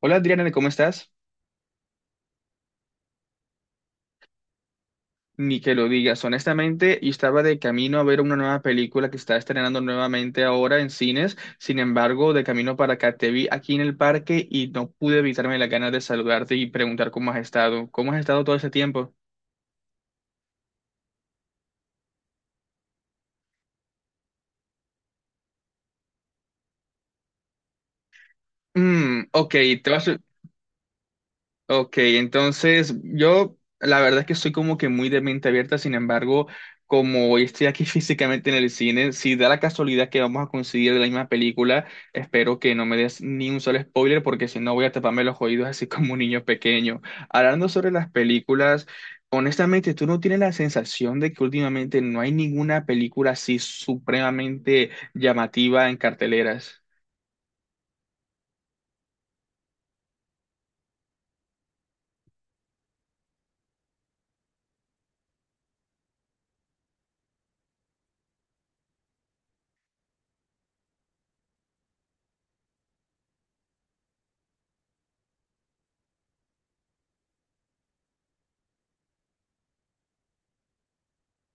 Hola Adriana, ¿cómo estás? Ni que lo digas, honestamente, yo estaba de camino a ver una nueva película que está estrenando nuevamente ahora en cines, sin embargo, de camino para acá te vi aquí en el parque y no pude evitarme las ganas de saludarte y preguntar cómo has estado todo ese tiempo. Mm, ok, te vas. Ok, entonces yo la verdad es que soy como que muy de mente abierta, sin embargo, como hoy estoy aquí físicamente en el cine, si da la casualidad que vamos a coincidir de la misma película, espero que no me des ni un solo spoiler porque si no voy a taparme los oídos así como un niño pequeño. Hablando sobre las películas, honestamente, ¿tú no tienes la sensación de que últimamente no hay ninguna película así supremamente llamativa en carteleras?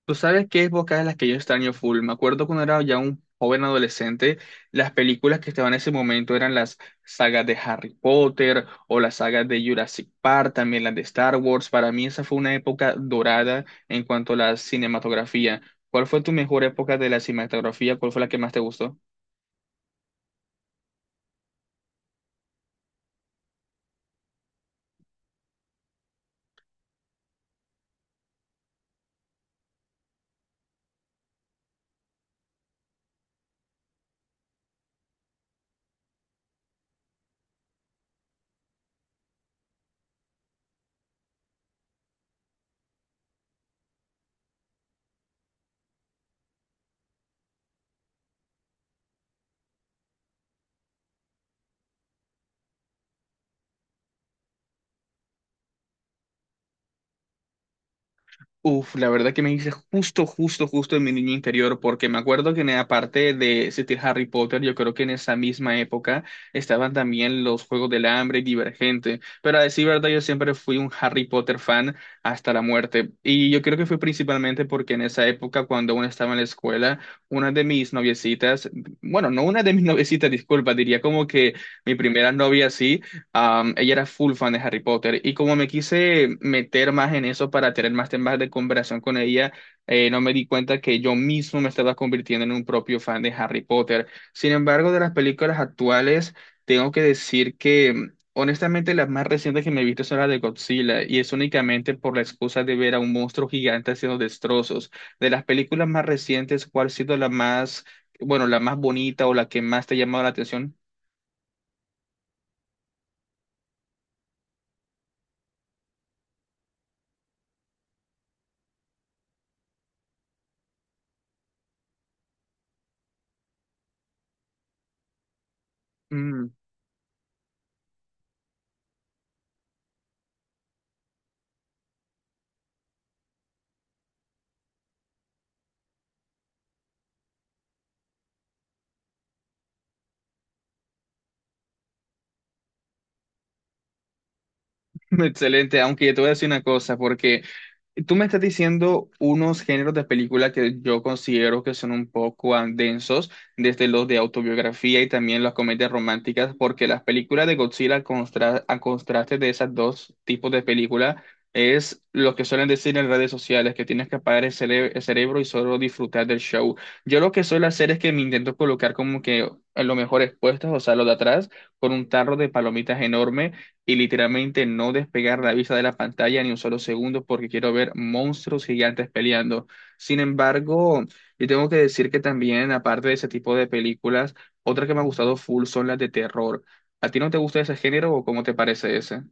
Tú sabes qué épocas en las que yo extraño full. Me acuerdo cuando era ya un joven adolescente, las películas que estaban en ese momento eran las sagas de Harry Potter o las sagas de Jurassic Park, también las de Star Wars. Para mí esa fue una época dorada en cuanto a la cinematografía. ¿Cuál fue tu mejor época de la cinematografía? ¿Cuál fue la que más te gustó? Uf, la verdad que me hice justo, justo, justo en mi niño interior, porque me acuerdo que aparte de existir Harry Potter, yo creo que en esa misma época estaban también los Juegos del Hambre y Divergente. Pero a decir verdad, yo siempre fui un Harry Potter fan hasta la muerte. Y yo creo que fue principalmente porque en esa época, cuando aún estaba en la escuela, una de mis noviecitas, bueno, no una de mis noviecitas, disculpa, diría como que mi primera novia sí. Ella era full fan de Harry Potter y como me quise meter más en eso para tener más temas de conversación con ella, no me di cuenta que yo mismo me estaba convirtiendo en un propio fan de Harry Potter. Sin embargo, de las películas actuales, tengo que decir que honestamente las más recientes que me he visto son las de Godzilla y es únicamente por la excusa de ver a un monstruo gigante haciendo destrozos. De las películas más recientes, ¿cuál ha sido la más, bueno, la más bonita o la que más te ha llamado la atención? Mm. Excelente, aunque yo te voy a decir una cosa, porque tú me estás diciendo unos géneros de película que yo considero que son un poco densos, desde los de autobiografía y también las comedias románticas, porque las películas de Godzilla, a contraste de esos dos tipos de películas, es lo que suelen decir en redes sociales, que tienes que apagar el, el cerebro y solo disfrutar del show. Yo lo que suelo hacer es que me intento colocar como que en los mejores puestos, o sea, los de atrás, con un tarro de palomitas enorme y literalmente no despegar la vista de la pantalla ni un solo segundo porque quiero ver monstruos gigantes peleando. Sin embargo, yo tengo que decir que también, aparte de ese tipo de películas, otra que me ha gustado full son las de terror. ¿A ti no te gusta ese género o cómo te parece ese?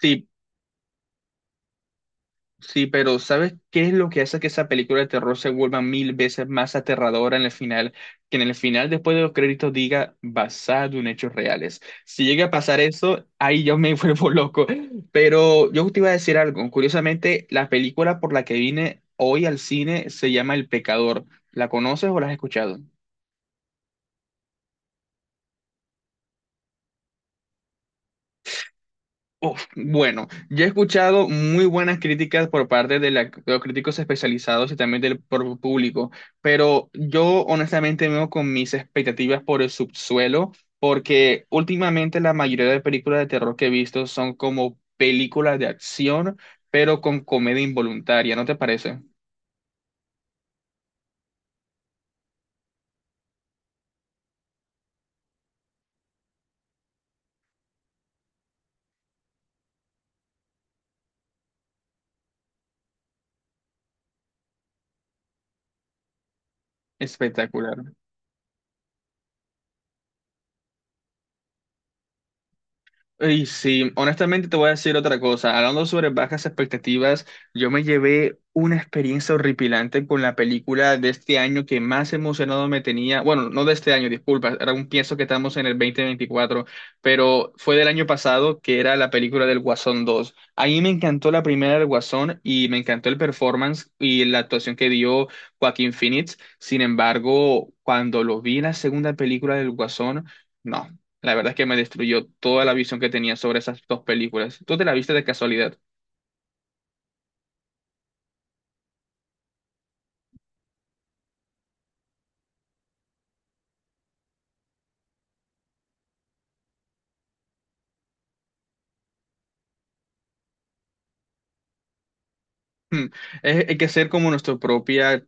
Sí. Sí, pero ¿sabes qué es lo que hace que esa película de terror se vuelva mil veces más aterradora en el final? Que en el final, después de los créditos, diga basado en hechos reales. Si llega a pasar eso, ahí yo me vuelvo loco. Pero yo te iba a decir algo. Curiosamente, la película por la que vine hoy al cine se llama El Pecador. ¿La conoces o la has escuchado? Uf, bueno, yo he escuchado muy buenas críticas por parte de, de los críticos especializados y también del propio público, pero yo honestamente me veo con mis expectativas por el subsuelo, porque últimamente la mayoría de películas de terror que he visto son como películas de acción, pero con comedia involuntaria, ¿no te parece? Espectacular. Y sí, honestamente te voy a decir otra cosa. Hablando sobre bajas expectativas, yo me llevé una experiencia horripilante con la película de este año que más emocionado me tenía. Bueno, no de este año, disculpa, era un pienso que estamos en el dos mil veinticuatro, pero fue del año pasado que era la película del Guasón dos. A mí me encantó la primera del Guasón y me encantó el performance y la actuación que dio Joaquín Phoenix. Sin embargo, cuando lo vi en la segunda película del Guasón, no. La verdad es que me destruyó toda la visión que tenía sobre esas dos películas. ¿Tú te la viste de casualidad? Hmm. Hay que ser como nuestra propia,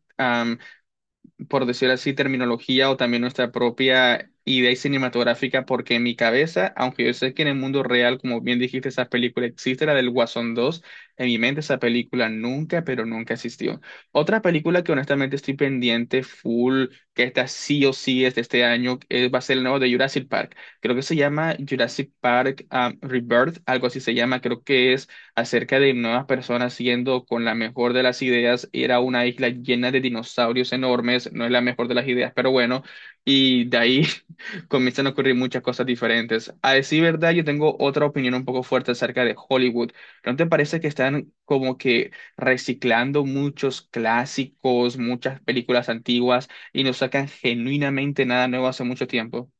por decirlo así, terminología o también nuestra propia idea cinematográfica, porque en mi cabeza, aunque yo sé que en el mundo real, como bien dijiste, esa película existe, la del Guasón 2, en mi mente esa película nunca, pero nunca existió. Otra película que honestamente estoy pendiente, full, que está sí o sí es de este año, va a ser el nuevo de Jurassic Park. Creo que se llama Jurassic Park, Rebirth, algo así se llama, creo que es acerca de nuevas personas siendo con la mejor de las ideas, era una isla llena de dinosaurios enormes, no es la mejor de las ideas, pero bueno, y de ahí comienzan a ocurrir muchas cosas diferentes. A decir verdad, yo tengo otra opinión un poco fuerte acerca de Hollywood. ¿No te parece que están como que reciclando muchos clásicos, muchas películas antiguas y no sacan genuinamente nada nuevo hace mucho tiempo?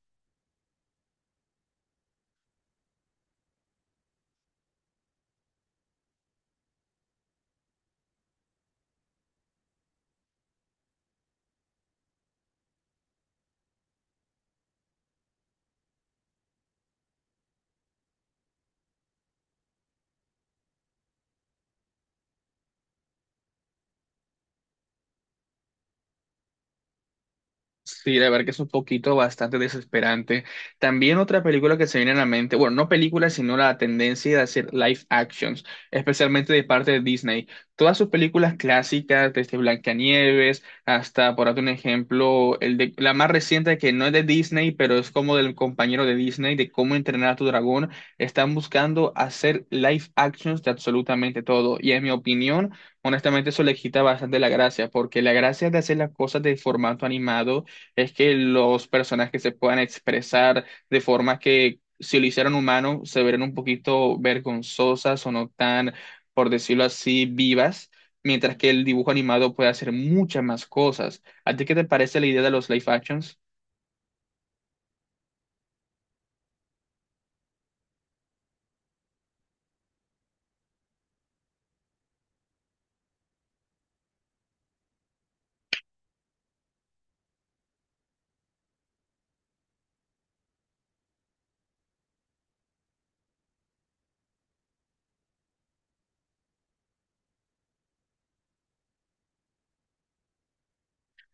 Sí, la verdad que es un poquito bastante desesperante. También otra película que se viene a la mente, bueno, no película, sino la tendencia de hacer live actions, especialmente de parte de Disney. Todas sus películas clásicas, desde Blancanieves hasta, por darte un ejemplo, el de, la más reciente que no es de Disney, pero es como del compañero de Disney, de cómo entrenar a tu dragón, están buscando hacer live actions de absolutamente todo. Y en mi opinión, honestamente, eso le quita bastante la gracia, porque la gracia de hacer las cosas de formato animado es que los personajes se puedan expresar de formas que si lo hicieran humano se verían un poquito vergonzosas o no tan, por decirlo así, vivas, mientras que el dibujo animado puede hacer muchas más cosas. ¿A ti qué te parece la idea de los live actions?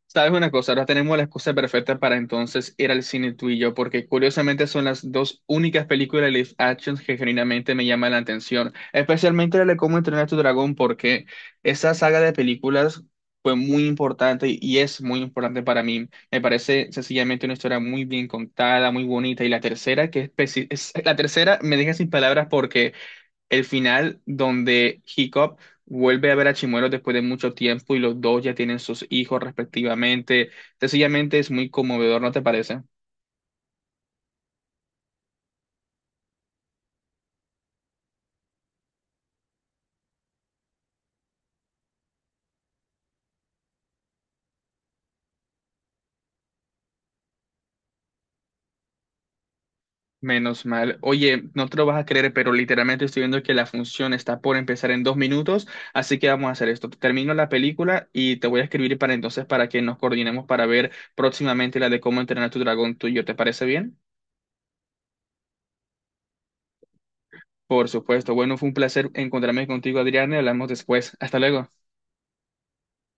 Sabes una cosa, ahora tenemos la excusa perfecta para entonces ir al cine tú y yo, porque curiosamente son las dos únicas películas de live action que genuinamente me llaman la atención, especialmente la de Cómo entrenar a tu dragón, porque esa saga de películas fue muy importante y es muy importante para mí. Me parece sencillamente una historia muy bien contada, muy bonita, y la tercera que es, la tercera me deja sin palabras, el final donde Hiccup vuelve a ver a Chimuelo después de mucho tiempo y los dos ya tienen sus hijos respectivamente. Sencillamente es muy conmovedor, ¿no te parece? Menos mal. Oye, no te lo vas a creer, pero literalmente estoy viendo que la función está por empezar en dos minutos, así que vamos a hacer esto. Termino la película y te voy a escribir para entonces para que nos coordinemos para ver próximamente la de cómo entrenar a tu dragón tuyo. ¿Te parece bien? Por supuesto. Bueno, fue un placer encontrarme contigo, Adriana, y hablamos después. Hasta luego.